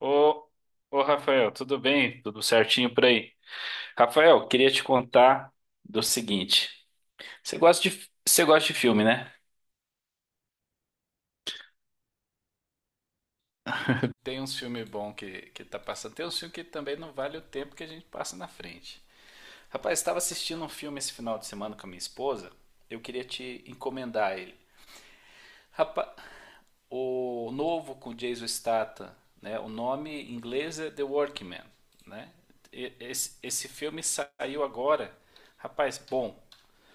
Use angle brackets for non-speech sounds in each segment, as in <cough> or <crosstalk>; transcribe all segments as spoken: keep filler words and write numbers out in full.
Ô, ô Rafael, tudo bem? Tudo certinho por aí? Rafael, queria te contar do seguinte. Você gosta de, você gosta de filme, né? Tem uns filmes bons que, que tá passando. Tem uns filmes que também não vale o tempo que a gente passa na frente. Rapaz, estava assistindo um filme esse final de semana com a minha esposa. Eu queria te encomendar ele. Rapaz, o novo com Jason Statham, né? O nome em inglês é The Workman, né? E- Esse, esse filme saiu agora. Rapaz, bom.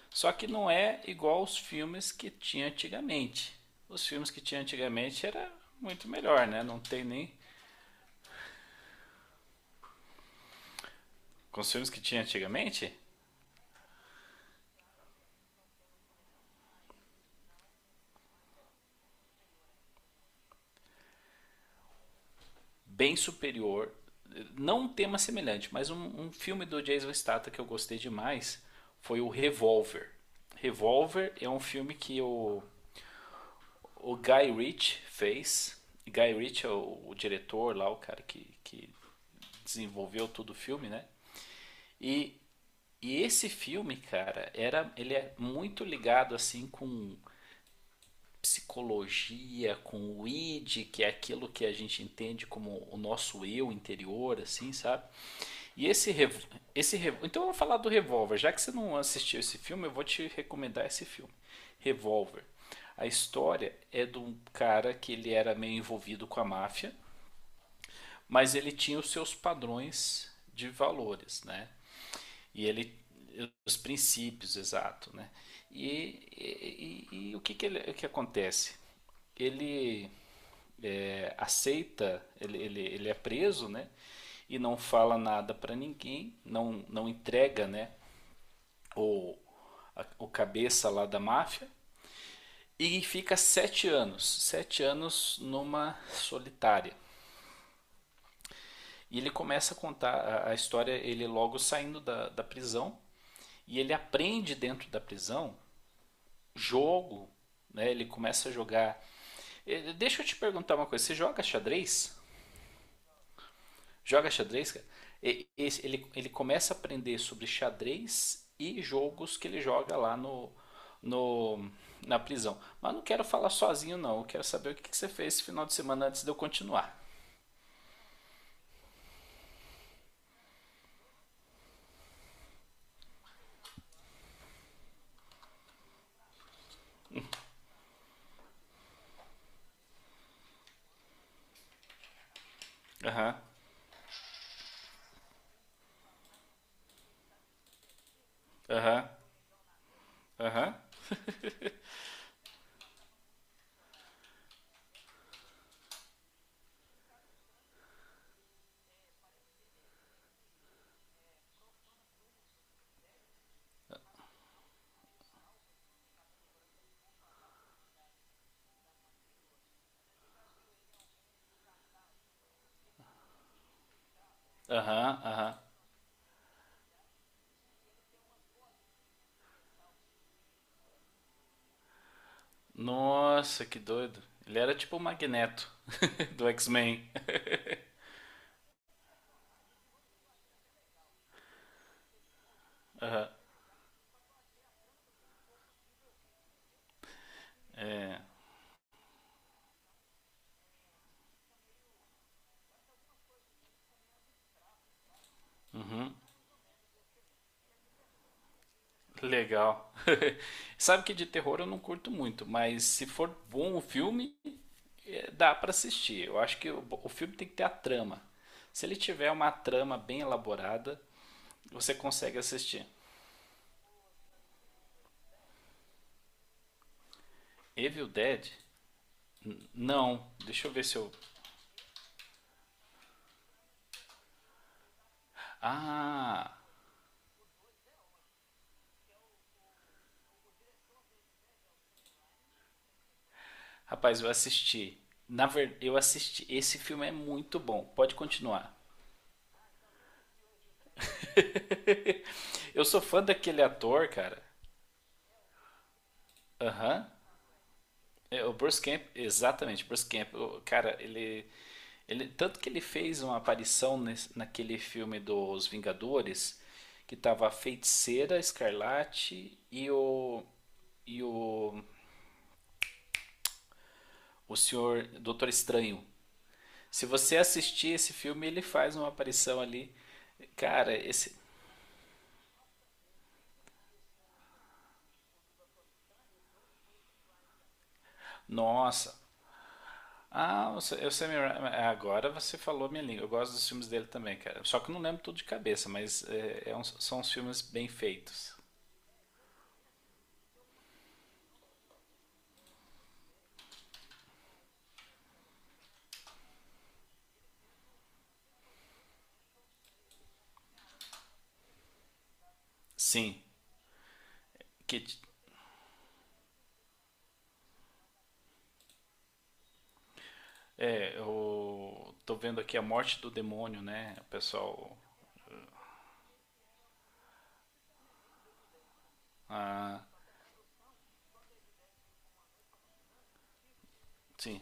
Só que não é igual os filmes que tinha antigamente. Os filmes que tinha antigamente era muito melhor, né? Não tem nem. Com os filmes que tinha antigamente, bem superior. Não um tema semelhante, mas um, um filme do Jason Statham que eu gostei demais foi o Revolver. Revolver é um filme que o, o Guy Ritchie fez. Guy Ritchie é o, o diretor lá, o cara que, que desenvolveu todo o filme, né? E E esse filme, cara, era, ele é muito ligado assim com psicologia, com o id, que é aquilo que a gente entende como o nosso eu interior, assim, sabe? E esse rev... esse rev... então eu vou falar do Revolver, já que você não assistiu esse filme, eu vou te recomendar esse filme, Revolver. A história é de um cara que ele era meio envolvido com a máfia, mas ele tinha os seus padrões de valores, né? E ele os princípios, exato, né? E, e, e, e o que que, ele, que acontece? Ele é, aceita, ele, ele, ele é preso, né? E não fala nada para ninguém, não, não entrega, né? O, a, o cabeça lá da máfia e fica sete anos, sete anos numa solitária. E ele começa a contar a, a história, ele logo saindo da, da prisão e ele aprende dentro da prisão jogo, né? Ele começa a jogar. Eh, Deixa eu te perguntar uma coisa: você joga xadrez? Joga xadrez, cara? E- esse- Ele, ele começa a aprender sobre xadrez e jogos que ele joga lá no, no- na prisão. Mas não quero falar sozinho, não. Eu quero saber o que que você fez esse final de semana antes de eu continuar. Aham, aham, aham, aham, aham. Nossa, que doido. Ele era tipo o Magneto <laughs> do X-Men. Aham, é. Legal. <laughs> Sabe que de terror eu não curto muito, mas se for bom o filme, eh, dá pra assistir. Eu acho que o, o filme tem que ter a trama. Se ele tiver uma trama bem elaborada, você consegue assistir. Evil Dead? Não. Deixa eu ver se eu. Ah, rapaz, eu assisti. Na verdade, eu assisti. Esse filme é muito bom. Pode continuar. <laughs> Eu sou fã daquele ator, cara. Aham. É, o Bruce Camp, exatamente, Bruce Camp, o cara, ele, ele tanto que ele fez uma aparição nesse- naquele filme dos Vingadores, que tava a Feiticeira, Escarlate e o e o o senhor Doutor Estranho. Se você assistir esse filme, ele faz uma aparição ali. Cara, esse nossa. Ah, o Sa- o Sam Ra- agora você falou minha língua. Eu gosto dos filmes dele também, cara. Só que eu não lembro tudo de cabeça, mas é, é uns- são uns filmes bem feitos. Sim, que t- é, eu tô vendo aqui A Morte do Demônio, né? O pessoal, ah, sim.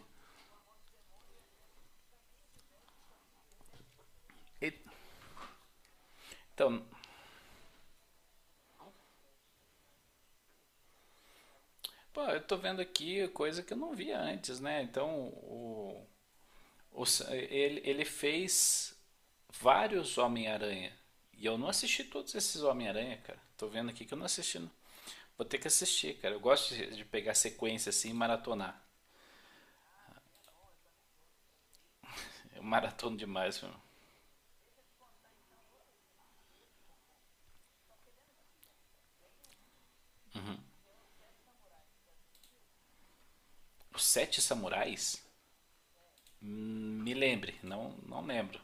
E- Então, pô, eu tô vendo aqui coisa que eu não via antes, né? Então, o, o s- ele, ele fez vários Homem-Aranha. E eu não assisti todos esses Homem-Aranha, cara. Tô vendo aqui que eu não assisti. Não. Vou ter que assistir, cara. Eu gosto de, de pegar sequência assim e maratonar. Eu maratono demais, meu. Os Sete Samurais? Me lembre, não, não lembro.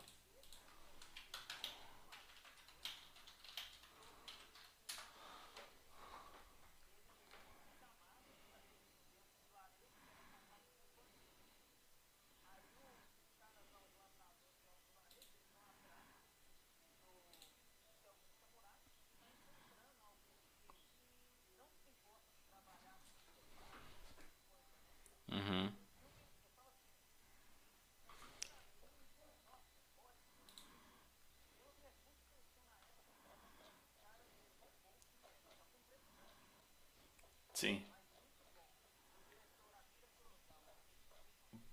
Sim.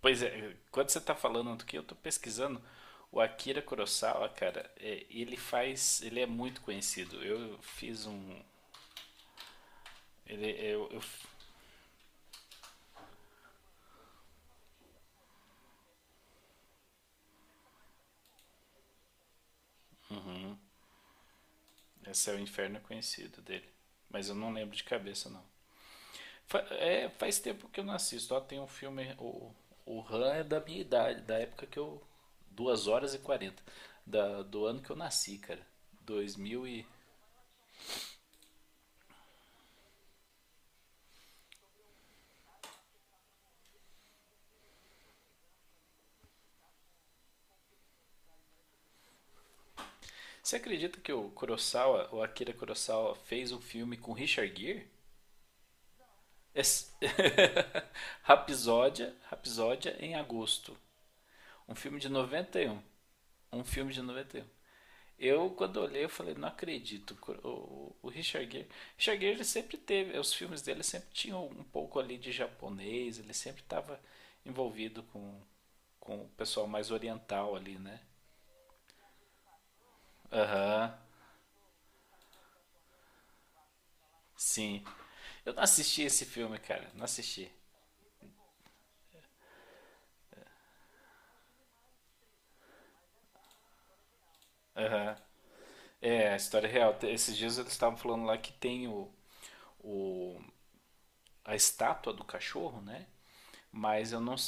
Pois é, quando você tá falando do que eu tô pesquisando, o Akira Kurosawa, cara, é, ele faz, ele é muito conhecido. Eu fiz um, ele, eu, eu, esse é o inferno conhecido dele, mas eu não lembro de cabeça não. Fa, é, faz tempo que eu não assisto. Ó, tem um filme, o, o Han é da minha idade, da época que eu, duas horas e quarenta da, do ano que eu nasci, cara, dois mil e... Você acredita que o Kurosawa, o Akira Kurosawa fez um filme com Richard Gere? Es- <laughs> Rapsódia, Rapsódia em agosto. Um filme de noventa e Um um filme de noventa e um. Eu, quando olhei, eu falei, não acredito. O, o- o Richard Gere... Richard Gere, ele sempre teve... Os filmes dele sempre tinham um pouco ali de japonês. Ele sempre estava envolvido com, com o pessoal mais oriental ali, né? Aham, sim. Eu não assisti esse filme, cara. Não assisti. Aham. É, a história é real. Te- Esses dias eles estavam falando lá que tem o, o a estátua do cachorro, né? Mas eu não. <laughs>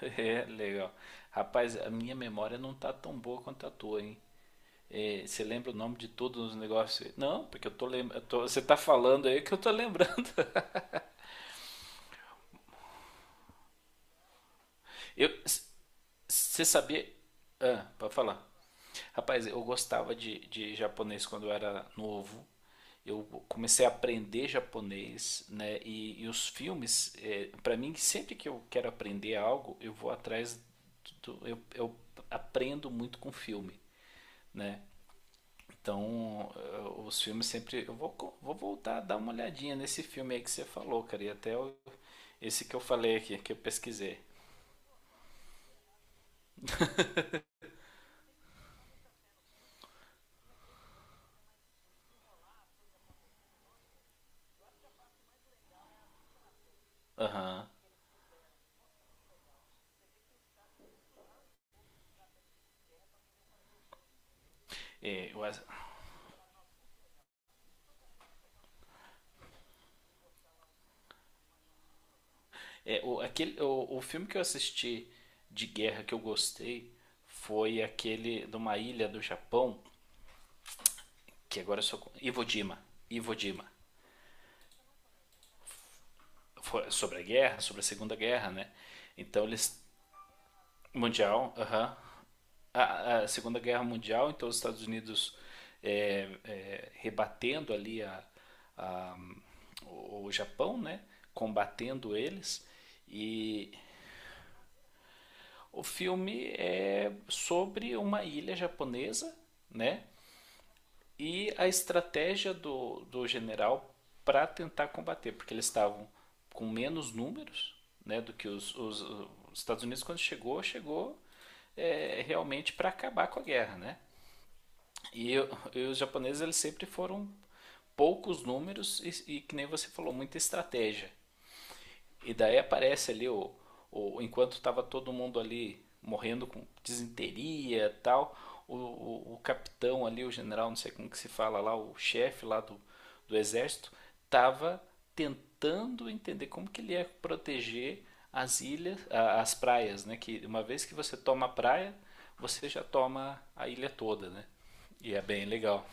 É, legal. Rapaz, a minha memória não tá tão boa quanto a tua, hein? É, você lembra o nome de todos os negócios? Não, porque eu tô lembrando. Você tá falando aí que eu tô lembrando. <laughs> Eu, Você sabia. Ah, pode falar. Rapaz, eu gostava de, de japonês quando eu era novo. Eu comecei a aprender japonês, né? E, e os filmes, é, para mim, sempre que eu quero aprender algo, eu vou atrás do, eu, eu aprendo muito com filme, né? Então, eh, os filmes sempre. Eu vou, co- vou voltar a dar uma olhadinha nesse filme aí que você falou, cara. E até o- esse que eu falei aqui, que eu pesquisei. Aham. É, eu, É, o, aquele, o, o filme que eu assisti de guerra que eu gostei foi aquele de uma ilha do Japão, que agora eu sou. co- Iwo Jima. Iwo Jima. Foi sobre a guerra, sobre a Segunda Guerra, né? Então eles. Mundial, aham. A, a Segunda Guerra Mundial, então os Estados Unidos é, é, rebatendo ali a, a- o, o Japão, né? Combatendo eles. E o filme é sobre uma ilha japonesa, né? E a estratégia do, do general para tentar combater, porque eles estavam com menos números, né, do que os, os, os Estados Unidos quando chegou, chegou é, realmente para acabar com a guerra, né? E, e os japoneses eles sempre foram poucos números e, e que nem você falou muita estratégia. E daí aparece ali o, o enquanto estava todo mundo ali morrendo com disenteria e tal, o, o, o capitão ali, o general, não sei como que se fala lá, o chefe lá do, do exército, estava tentando entender como que ele ia proteger as ilhas, as praias, né? Que uma vez que você toma a praia, você já toma a ilha toda, né? E é bem legal.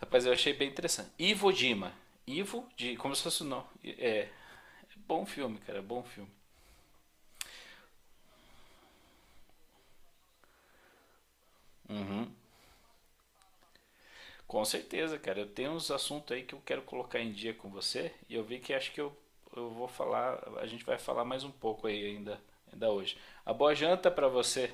Rapaz, eu achei bem interessante. Ivo Dima. Ivo, de, como se fosse o nome. É, é bom filme, cara, é bom filme. Hum, com certeza, cara. Eu tenho uns assuntos aí que eu quero colocar em dia com você e eu vi que acho que eu, eu vou falar, a gente vai falar mais um pouco aí ainda, ainda hoje. A boa janta pra você.